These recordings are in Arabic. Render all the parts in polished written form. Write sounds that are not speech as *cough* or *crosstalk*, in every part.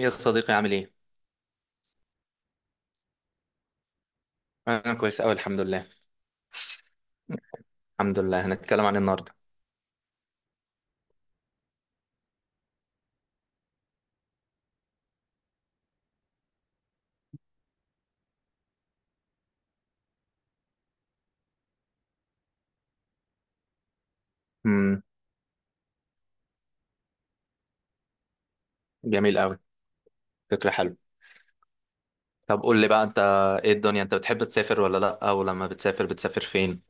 يا صديقي، عامل ايه؟ انا كويس اوي، الحمد لله. الحمد لله. هنتكلم عن إيه النهارده؟ امم. جميل اوي. فكرة حلوة. طب قول لي بقى انت، ايه الدنيا؟ انت بتحب تسافر ولا لا؟ ولما بتسافر، بتسافر فين؟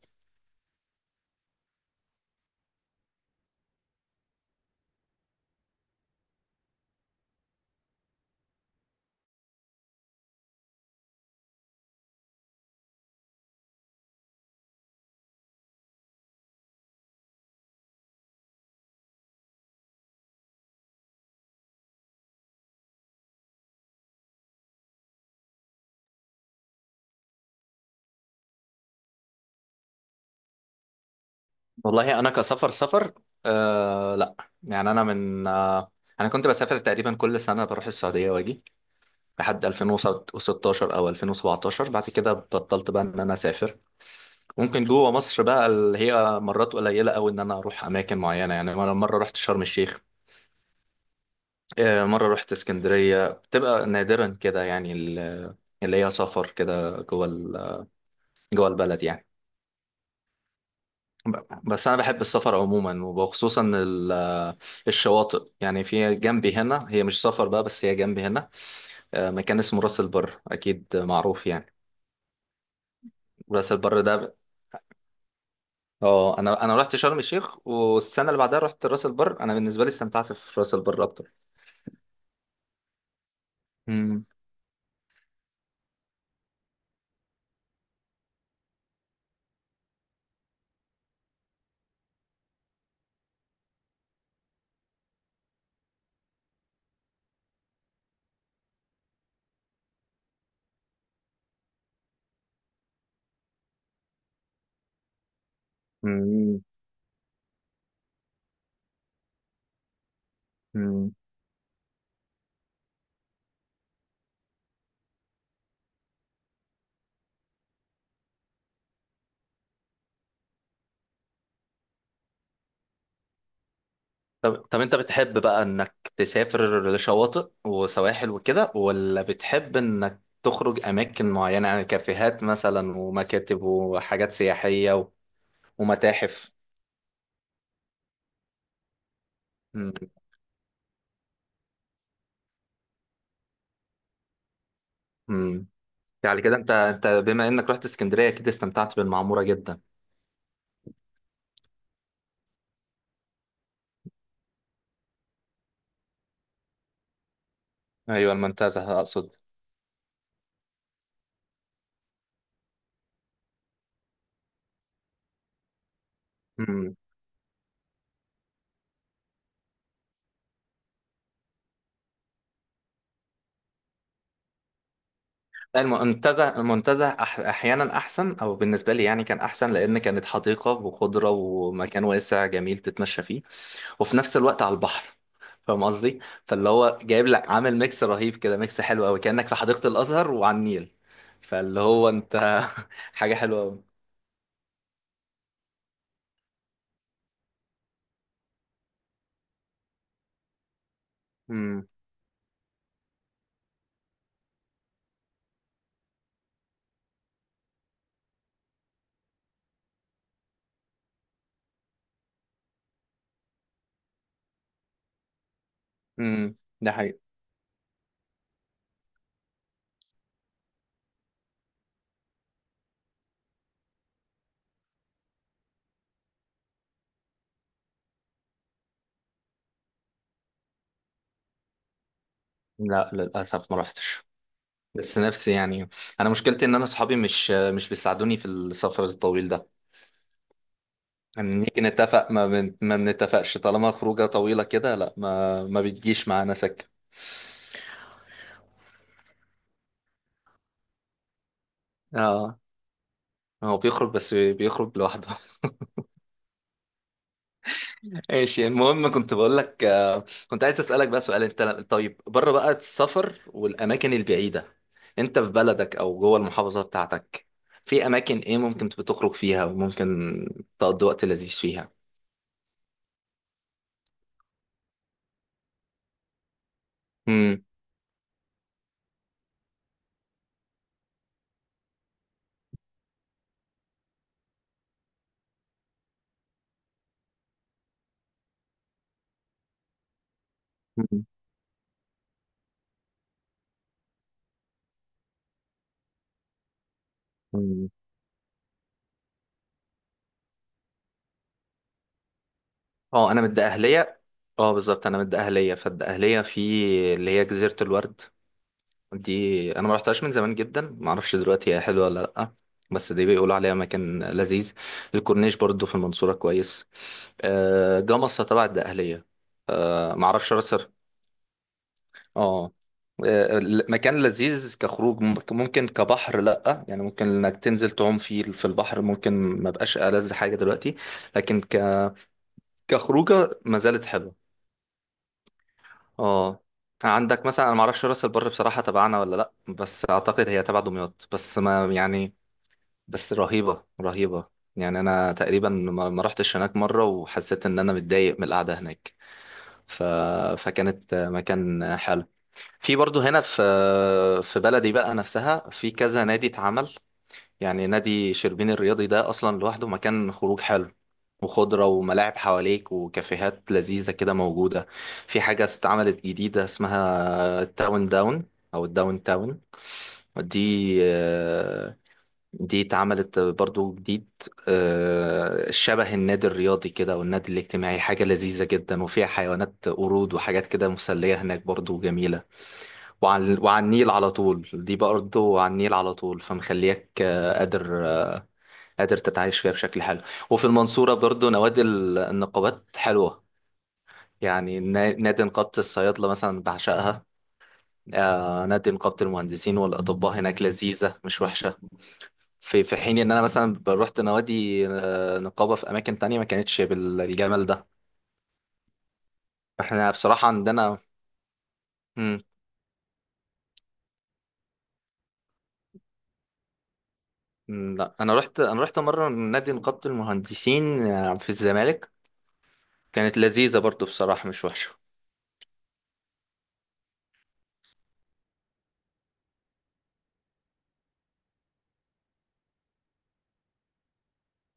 والله انا كسفر سفر، لا. يعني انا من انا كنت بسافر تقريبا كل سنة، بروح السعودية واجي لحد 2016 او 2017. بعد كده بطلت بقى ان انا اسافر. ممكن جوه مصر بقى، اللي هي مرات قليلة اوي ان انا اروح اماكن معينة. يعني مرة مرة رحت شرم الشيخ، مرة رحت اسكندرية. بتبقى نادرا كده يعني، اللي هي سفر كده جوه جوه البلد يعني. بس أنا بحب السفر عموما، وخصوصا الشواطئ. يعني في جنبي هنا، هي مش سفر بقى بس هي جنبي هنا. مكان اسمه راس البر، أكيد معروف يعني. راس البر ده ب- اه، انا رحت شرم الشيخ والسنه اللي بعدها رحت راس البر. انا بالنسبه لي استمتعت في راس البر اكتر. مم. مم. طب انت بتحب بقى انك تسافر لشواطئ وسواحل وكده، ولا بتحب انك تخرج اماكن معينة؟ يعني كافيهات مثلا، ومكاتب، وحاجات سياحية ومتاحف. مم. مم. يعني كده انت بما انك رحت اسكندرية كده، استمتعت بالمعمورة جدا. ايوه، المنتزه اقصد. مم. لا، المنتزه، المنتزه احيانا احسن، او بالنسبة لي يعني كان احسن، لان كانت حديقة وخضرة ومكان واسع جميل تتمشى فيه، وفي نفس الوقت على البحر. فاهم قصدي؟ فاللي هو جايب لك، عامل ميكس رهيب كده، ميكس حلو قوي، كأنك في حديقة الأزهر وعلى النيل. فاللي هو انت *laughs* حاجة حلوة قوي. امم. امم، ده حقيقي. لا، للأسف ما رحتش. بس نفسي يعني. انا مشكلتي ان انا صحابي مش بيساعدوني في السفر الطويل ده. يعني نيجي نتفق ما بنتفقش. طالما خروجه طويله كده، لا ما بتجيش معانا سكه. اه، هو بيخرج، بس بيخرج لوحده. ماشي، المهم، كنت بقول لك كنت عايز اسالك بقى سؤال انت. طيب، بره بقى السفر والاماكن البعيده، انت في بلدك او جوه المحافظه بتاعتك، في اماكن ايه ممكن بتخرج فيها وممكن تقضي وقت لذيذ فيها؟ امم. *laughs* اه، انا من الدقهليه. اه بالظبط، انا من الدقهليه، فالدقهليه في اللي هي جزيره الورد. دي انا ما رحتهاش من زمان جدا، ما اعرفش دلوقتي هي حلوه ولا لا. بس دي بيقولوا عليها مكان لذيذ. الكورنيش برضو في المنصوره كويس. جمصة تبع الدقهلية. آه، معرفش راس سر- اه. مكان لذيذ كخروج، ممكن، ممكن كبحر لأ. يعني ممكن انك تنزل تعوم فيه في البحر، ممكن ما بقاش ألذ حاجة دلوقتي، لكن كخروجة ما زالت حلوة. اه. عندك مثلا، انا معرفش راس البر بصراحة تبعنا ولا لأ، بس اعتقد هي تبع دمياط، بس ما يعني. بس رهيبة، رهيبة. يعني انا تقريبا ما رحتش هناك مرة وحسيت ان انا متضايق من القعدة هناك. ف... فكانت مكان حلو. في برضه هنا، في في بلدي بقى نفسها، في كذا نادي اتعمل. يعني نادي شربين الرياضي ده اصلا لوحده مكان خروج حلو، وخضرة وملاعب حواليك وكافيهات لذيذة كده موجودة. في حاجة اتعملت جديدة اسمها التاون داون، او الداون تاون. دي دي اتعملت برضو جديد. شبه النادي الرياضي كده والنادي الاجتماعي، حاجة لذيذة جدا، وفيها حيوانات قرود وحاجات كده مسلية هناك، برضو جميلة. وعلى النيل على طول. دي برضه وعلى النيل على طول، فمخليك قادر، قادر تتعايش فيها بشكل حلو. وفي المنصورة برضه نوادي النقابات حلوة. يعني نادي نقابة الصيادلة مثلا بعشقها. نادي نقابة المهندسين والأطباء هناك لذيذة، مش وحشة. في، في حين إن أنا مثلا روحت نوادي نقابة في أماكن تانية، ما كانتش بالجمال ده. احنا بصراحة عندنا. مم. مم. لا، أنا رحت مرة نادي نقابة المهندسين في الزمالك. كانت لذيذة برضو بصراحة، مش وحشة.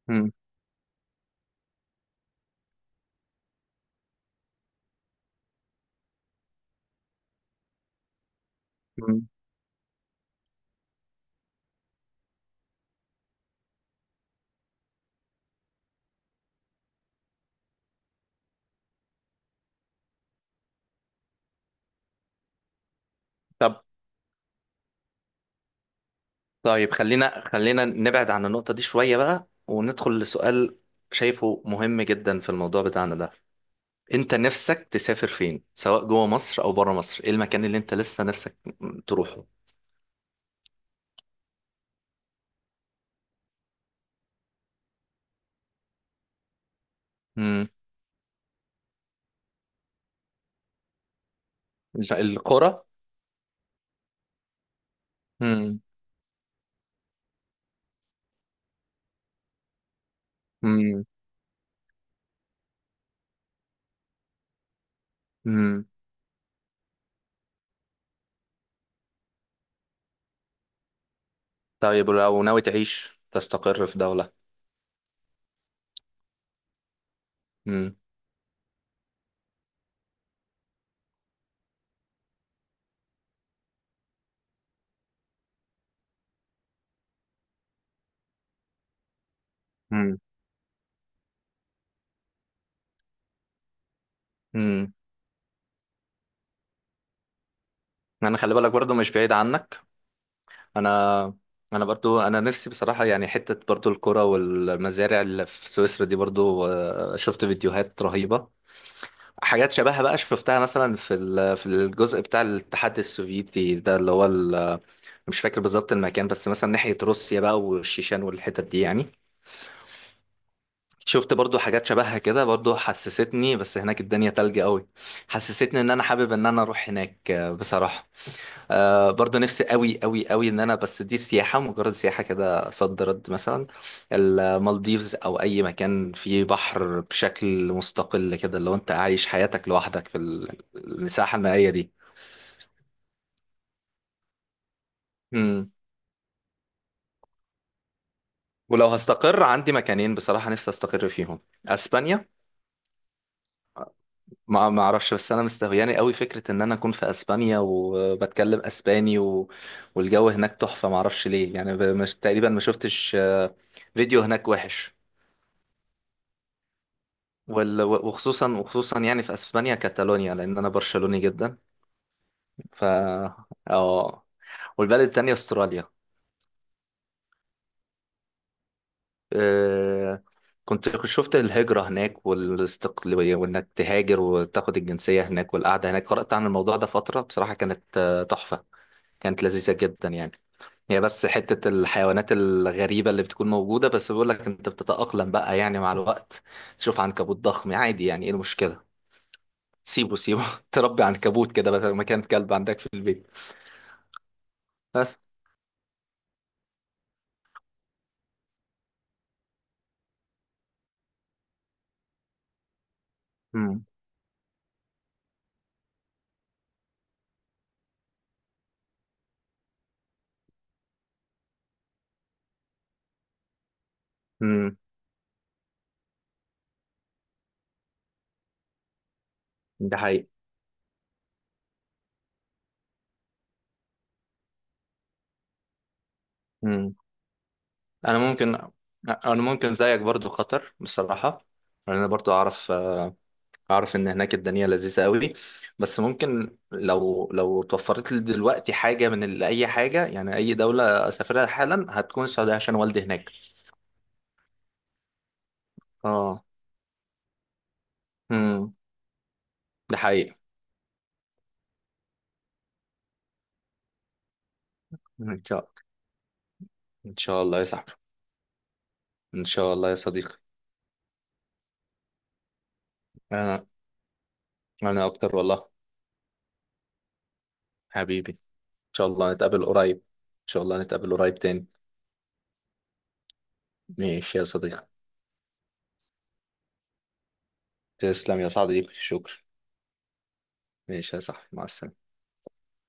مم. مم. طب طيب خلينا خلينا نبعد عن النقطة دي شوية بقى، وندخل لسؤال شايفه مهم جدا في الموضوع بتاعنا ده. انت نفسك تسافر فين، سواء جوه مصر او بره مصر؟ ايه المكان اللي انت لسه نفسك تروحه؟ مم. القرى. مم. مم. امم. طيب لو ناوي تعيش، تستقر في دولة. امم. مم. امم. انا، خلي بالك برضو مش بعيد عنك. انا انا برضو، انا نفسي بصراحه يعني، حته برضو الكرة والمزارع اللي في سويسرا دي برضو، شفت فيديوهات رهيبه. حاجات شبهها بقى شفتها مثلا في في الجزء بتاع الاتحاد السوفيتي ده، اللي هو مش فاكر بالظبط المكان، بس مثلا ناحيه روسيا بقى والشيشان والحتت دي يعني. شفت برضو حاجات شبهها كده، برضو حسستني، بس هناك الدنيا تلج قوي. حسستني ان انا حابب ان انا اروح هناك بصراحه. آه، برضه نفسي قوي قوي قوي ان انا، بس دي سياحة، مجرد سياحة كده. صد رد مثلا المالديفز، او اي مكان فيه بحر بشكل مستقل كده، لو انت عايش حياتك لوحدك في الساحة المائية دي. مم. ولو هستقر، عندي مكانين بصراحة نفسي استقر فيهم. اسبانيا. ما اعرفش، بس انا مستهوياني قوي فكرة ان انا اكون في اسبانيا وبتكلم اسباني، والجو هناك تحفة. ما اعرفش ليه يعني، ب- مش... تقريبا ما شفتش فيديو هناك وحش. وخصوصا، وخصوصا يعني في اسبانيا كاتالونيا، لان انا برشلوني جدا. ف، اه، والبلد التانية استراليا. آه، كنت شفت الهجرة هناك والاستقلالية، وانك تهاجر وتاخد الجنسية هناك، والقعدة هناك. قرأت عن الموضوع ده فترة بصراحة، كانت تحفة، كانت لذيذة جدا يعني. هي بس حتة الحيوانات الغريبة اللي بتكون موجودة، بس بيقول لك انت بتتأقلم بقى يعني مع الوقت. تشوف عنكبوت ضخم عادي، يعني ايه المشكلة؟ سيبه سيبه *laughs* تربي عنكبوت كده بدل ما كان كلب عندك في البيت. بس. امم. امم، ده حقيقي. امم. انا ممكن انا ممكن زيك برضو، خطر بصراحة. انا برضو اعرف اعرف ان هناك الدنيا لذيذة قوي. بس ممكن لو توفرت لي دلوقتي حاجة من اي حاجة يعني، اي دولة اسافرها حالا هتكون السعودية عشان والدي هناك. اه. امم. ده حقيقي. ان شاء، ان شاء الله يا صاحبي، ان شاء الله يا صديقي. انا انا اكتر والله. حبيبي، ان شاء الله نتقابل قريب، ان شاء الله نتقابل قريب تاني. ماشي يا صديقي. تسلم يا صديقي، شكرا. ماشي يا صاحبي، مع السلامة.